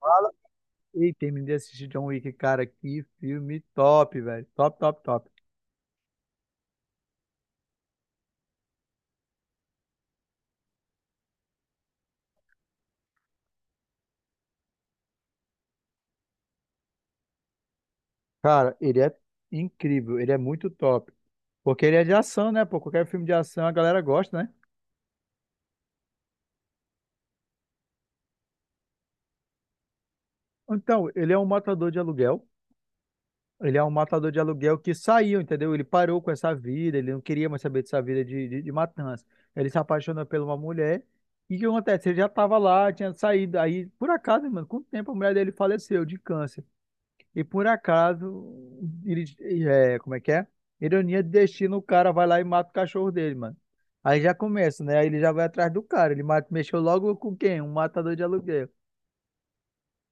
Fala. Ei, terminei de assistir John Wick, cara. Que filme top, velho. Top, top, top. Cara, ele é incrível. Ele é muito top. Porque ele é de ação, né? Pô, qualquer filme de ação a galera gosta, né? Então, ele é um matador de aluguel. Ele é um matador de aluguel que saiu, entendeu? Ele parou com essa vida. Ele não queria mais saber dessa vida de matança. Ele se apaixonou por uma mulher. E o que acontece? Ele já estava lá, tinha saído. Aí, por acaso, mano, com o tempo a mulher dele faleceu de câncer. E por acaso, ele, como é que é? Ironia de destino, o cara vai lá e mata o cachorro dele, mano. Aí já começa, né? Aí ele já vai atrás do cara. Ele mata, mexeu logo com quem? Um matador de aluguel.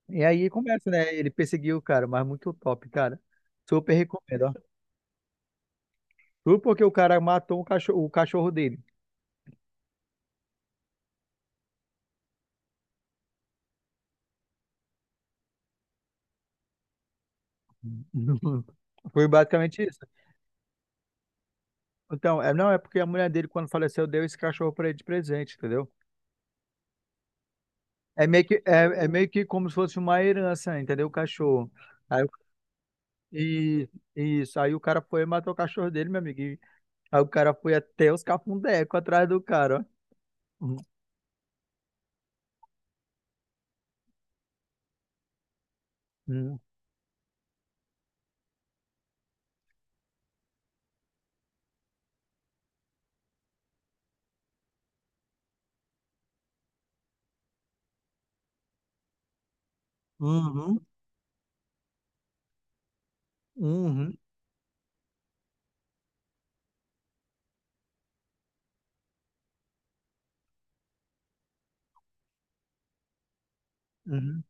E aí começa, né? Ele perseguiu o cara, mas muito top, cara. Super recomendo, ó. Tudo porque o cara matou o cachorro dele. Foi basicamente isso. Então, não, é porque a mulher dele, quando faleceu, deu esse cachorro pra ele de presente, entendeu? É meio que, é meio que como se fosse uma herança, entendeu? O cachorro. E isso, aí o cara foi e matou o cachorro dele, meu amigo. E aí o cara foi até os cafundecos atrás do cara, ó. Uhum, uhum, uhum, uhum.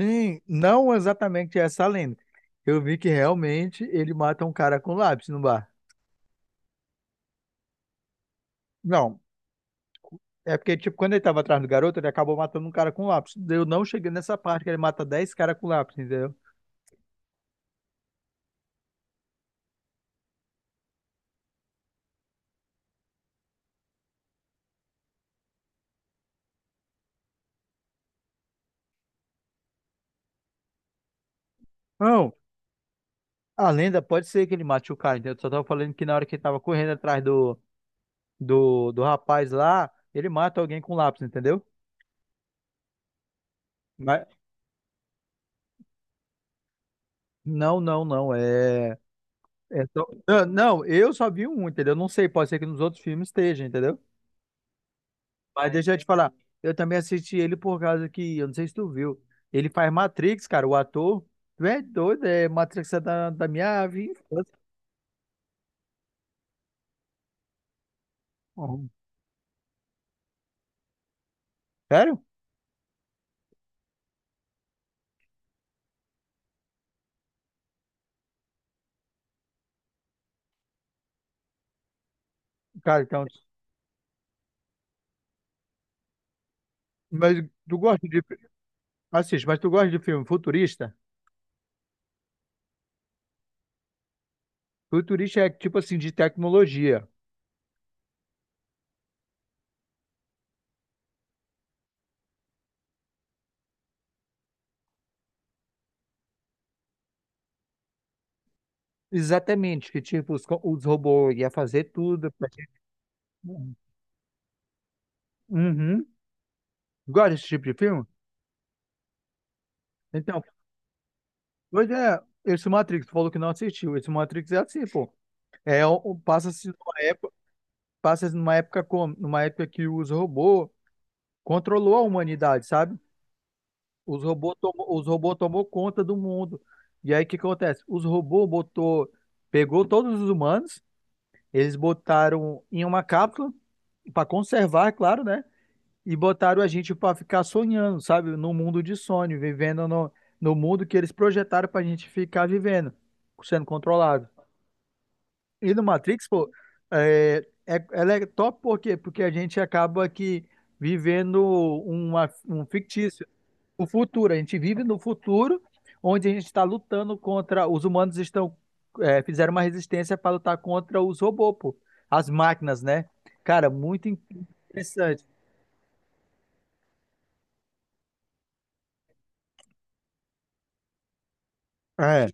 Sim, não exatamente essa lenda. Eu vi que realmente ele mata um cara com lápis no bar. Não, é porque, tipo, quando ele tava atrás do garoto, ele acabou matando um cara com lápis. Eu não cheguei nessa parte que ele mata 10 caras com lápis, entendeu? Não, a lenda pode ser que ele mate o cara, entendeu? Só tava falando que na hora que ele tava correndo atrás do rapaz lá, ele mata alguém com lápis, entendeu? Mas, não, não, não, é, não, não, eu só vi um, entendeu? Não sei, pode ser que nos outros filmes esteja, entendeu? Mas deixa eu te falar, eu também assisti ele por causa que, eu não sei se tu viu, ele faz Matrix, cara, o ator, tu é doido, é Matrix é da minha vida. Uhum. Sério? Cara, então, mas tu gosta de, assiste, mas tu gosta de filme futurista? Futurista é tipo assim, de tecnologia. Exatamente, que tipo, os robôs iam fazer tudo pra gente. Uhum. Gosta desse tipo de filme? Então, pois é, esse Matrix, tu falou que não assistiu. Esse Matrix é assim, pô. É, passa-se numa época como? Numa época que os robôs controlou a humanidade, sabe? Os robôs tomou conta do mundo. E aí o que acontece? Os robôs botou, pegou todos os humanos, eles botaram em uma cápsula para conservar, é claro, né? E botaram a gente para ficar sonhando, sabe? No mundo de sonho, vivendo no mundo que eles projetaram para a gente ficar vivendo, sendo controlado. E no Matrix, pô, é, ela é top por quê? Porque a gente acaba aqui vivendo um fictício, o futuro. A gente vive no futuro, onde a gente está lutando contra. Os humanos estão fizeram uma resistência para lutar contra os robôs, pô, as máquinas, né? Cara, muito interessante. É,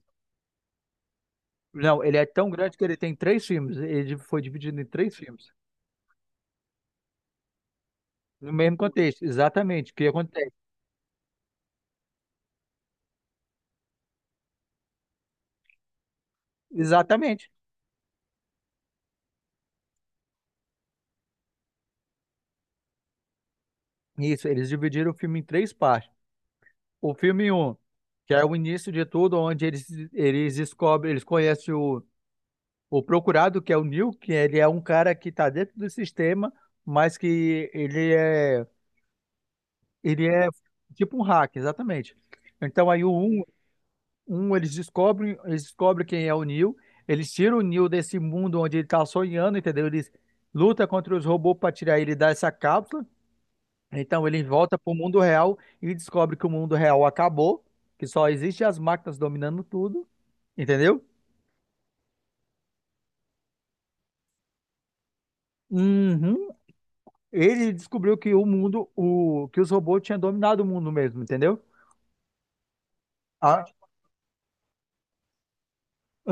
não, ele é tão grande que ele tem três filmes. Ele foi dividido em três filmes. No mesmo contexto, exatamente. O que acontece? Exatamente. Isso, eles dividiram o filme em três partes. O filme um, que é o início de tudo, onde eles descobrem, eles conhecem o procurado, que é o Neil, que ele é um cara que está dentro do sistema, mas que ele é tipo um hack, exatamente. Então aí o 1 Um, eles descobrem quem é o Neo. Eles tiram o Neo desse mundo onde ele tá sonhando, entendeu? Eles lutam contra os robôs para tirar ele dessa cápsula. Então ele volta pro mundo real e descobre que o mundo real acabou, que só existe as máquinas dominando tudo, entendeu? Uhum. Ele descobriu que o mundo, o, que os robôs tinham dominado o mundo mesmo, entendeu? Ah,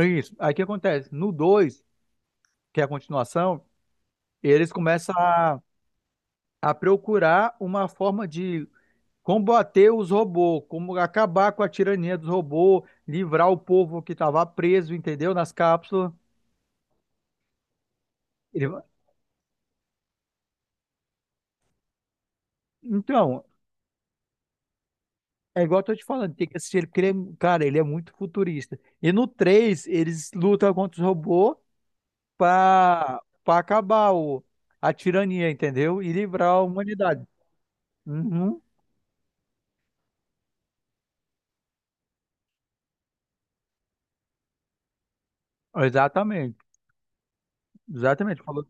isso. Aí o que acontece? No 2 que é a continuação, eles começam a procurar uma forma de combater os robôs, como acabar com a tirania dos robôs, livrar o povo que estava preso, entendeu? Nas cápsulas. Ele va- Então, é igual eu tô te falando, tem que assistir ele, porque ele é, cara, ele é muito futurista. E no 3 eles lutam contra os robôs para acabar o, a tirania, entendeu? E livrar a humanidade. Uhum, exatamente. Exatamente. Falou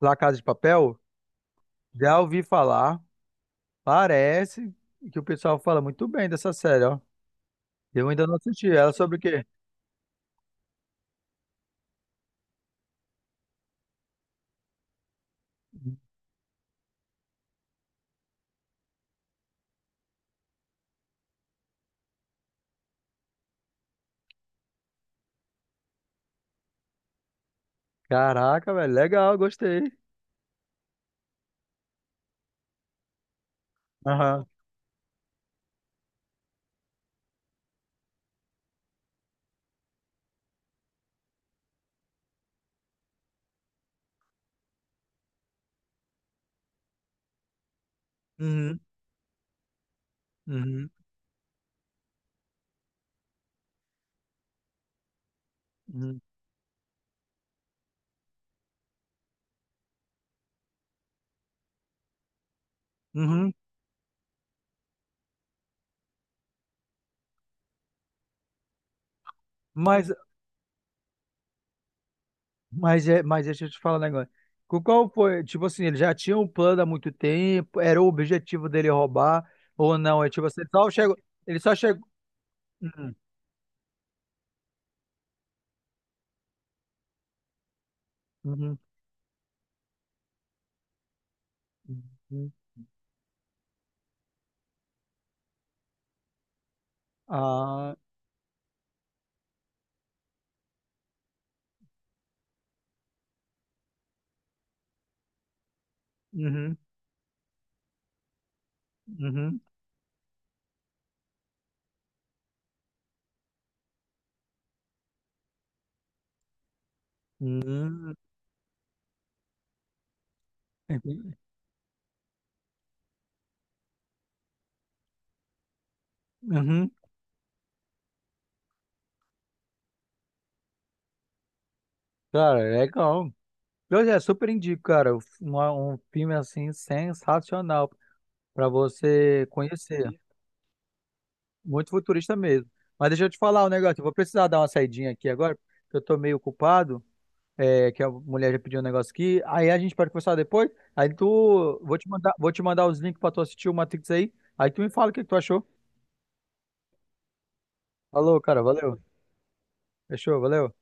La Casa de Papel, já ouvi falar, parece que o pessoal fala muito bem dessa série, ó. Eu ainda não assisti. Ela sobre o quê? Caraca, velho, legal, gostei. Aham. Uhum. Uhum. Uhum. Uhum. Mas, mas, mas deixa eu te falar um negócio. Qual foi? Tipo assim, ele já tinha um plano há muito tempo, era o objetivo dele roubar, ou não? É tipo assim, ele só chegou. Uhum. Uhum. Uhum. Ah, uhum. Uhum. Uhum. Entendi. Uhum. Cara, é legal. Eu já super indico, cara, um filme assim sensacional. Para você conhecer. Muito futurista mesmo. Mas deixa eu te falar um negócio. Eu vou precisar dar uma saidinha aqui agora, porque eu tô meio ocupado. É, que a mulher já pediu um negócio aqui. Aí a gente pode conversar depois. Aí tu, vou te mandar os links para tu assistir o Matrix aí. Aí tu me fala o que que tu achou. Falou, cara, valeu. Fechou, valeu.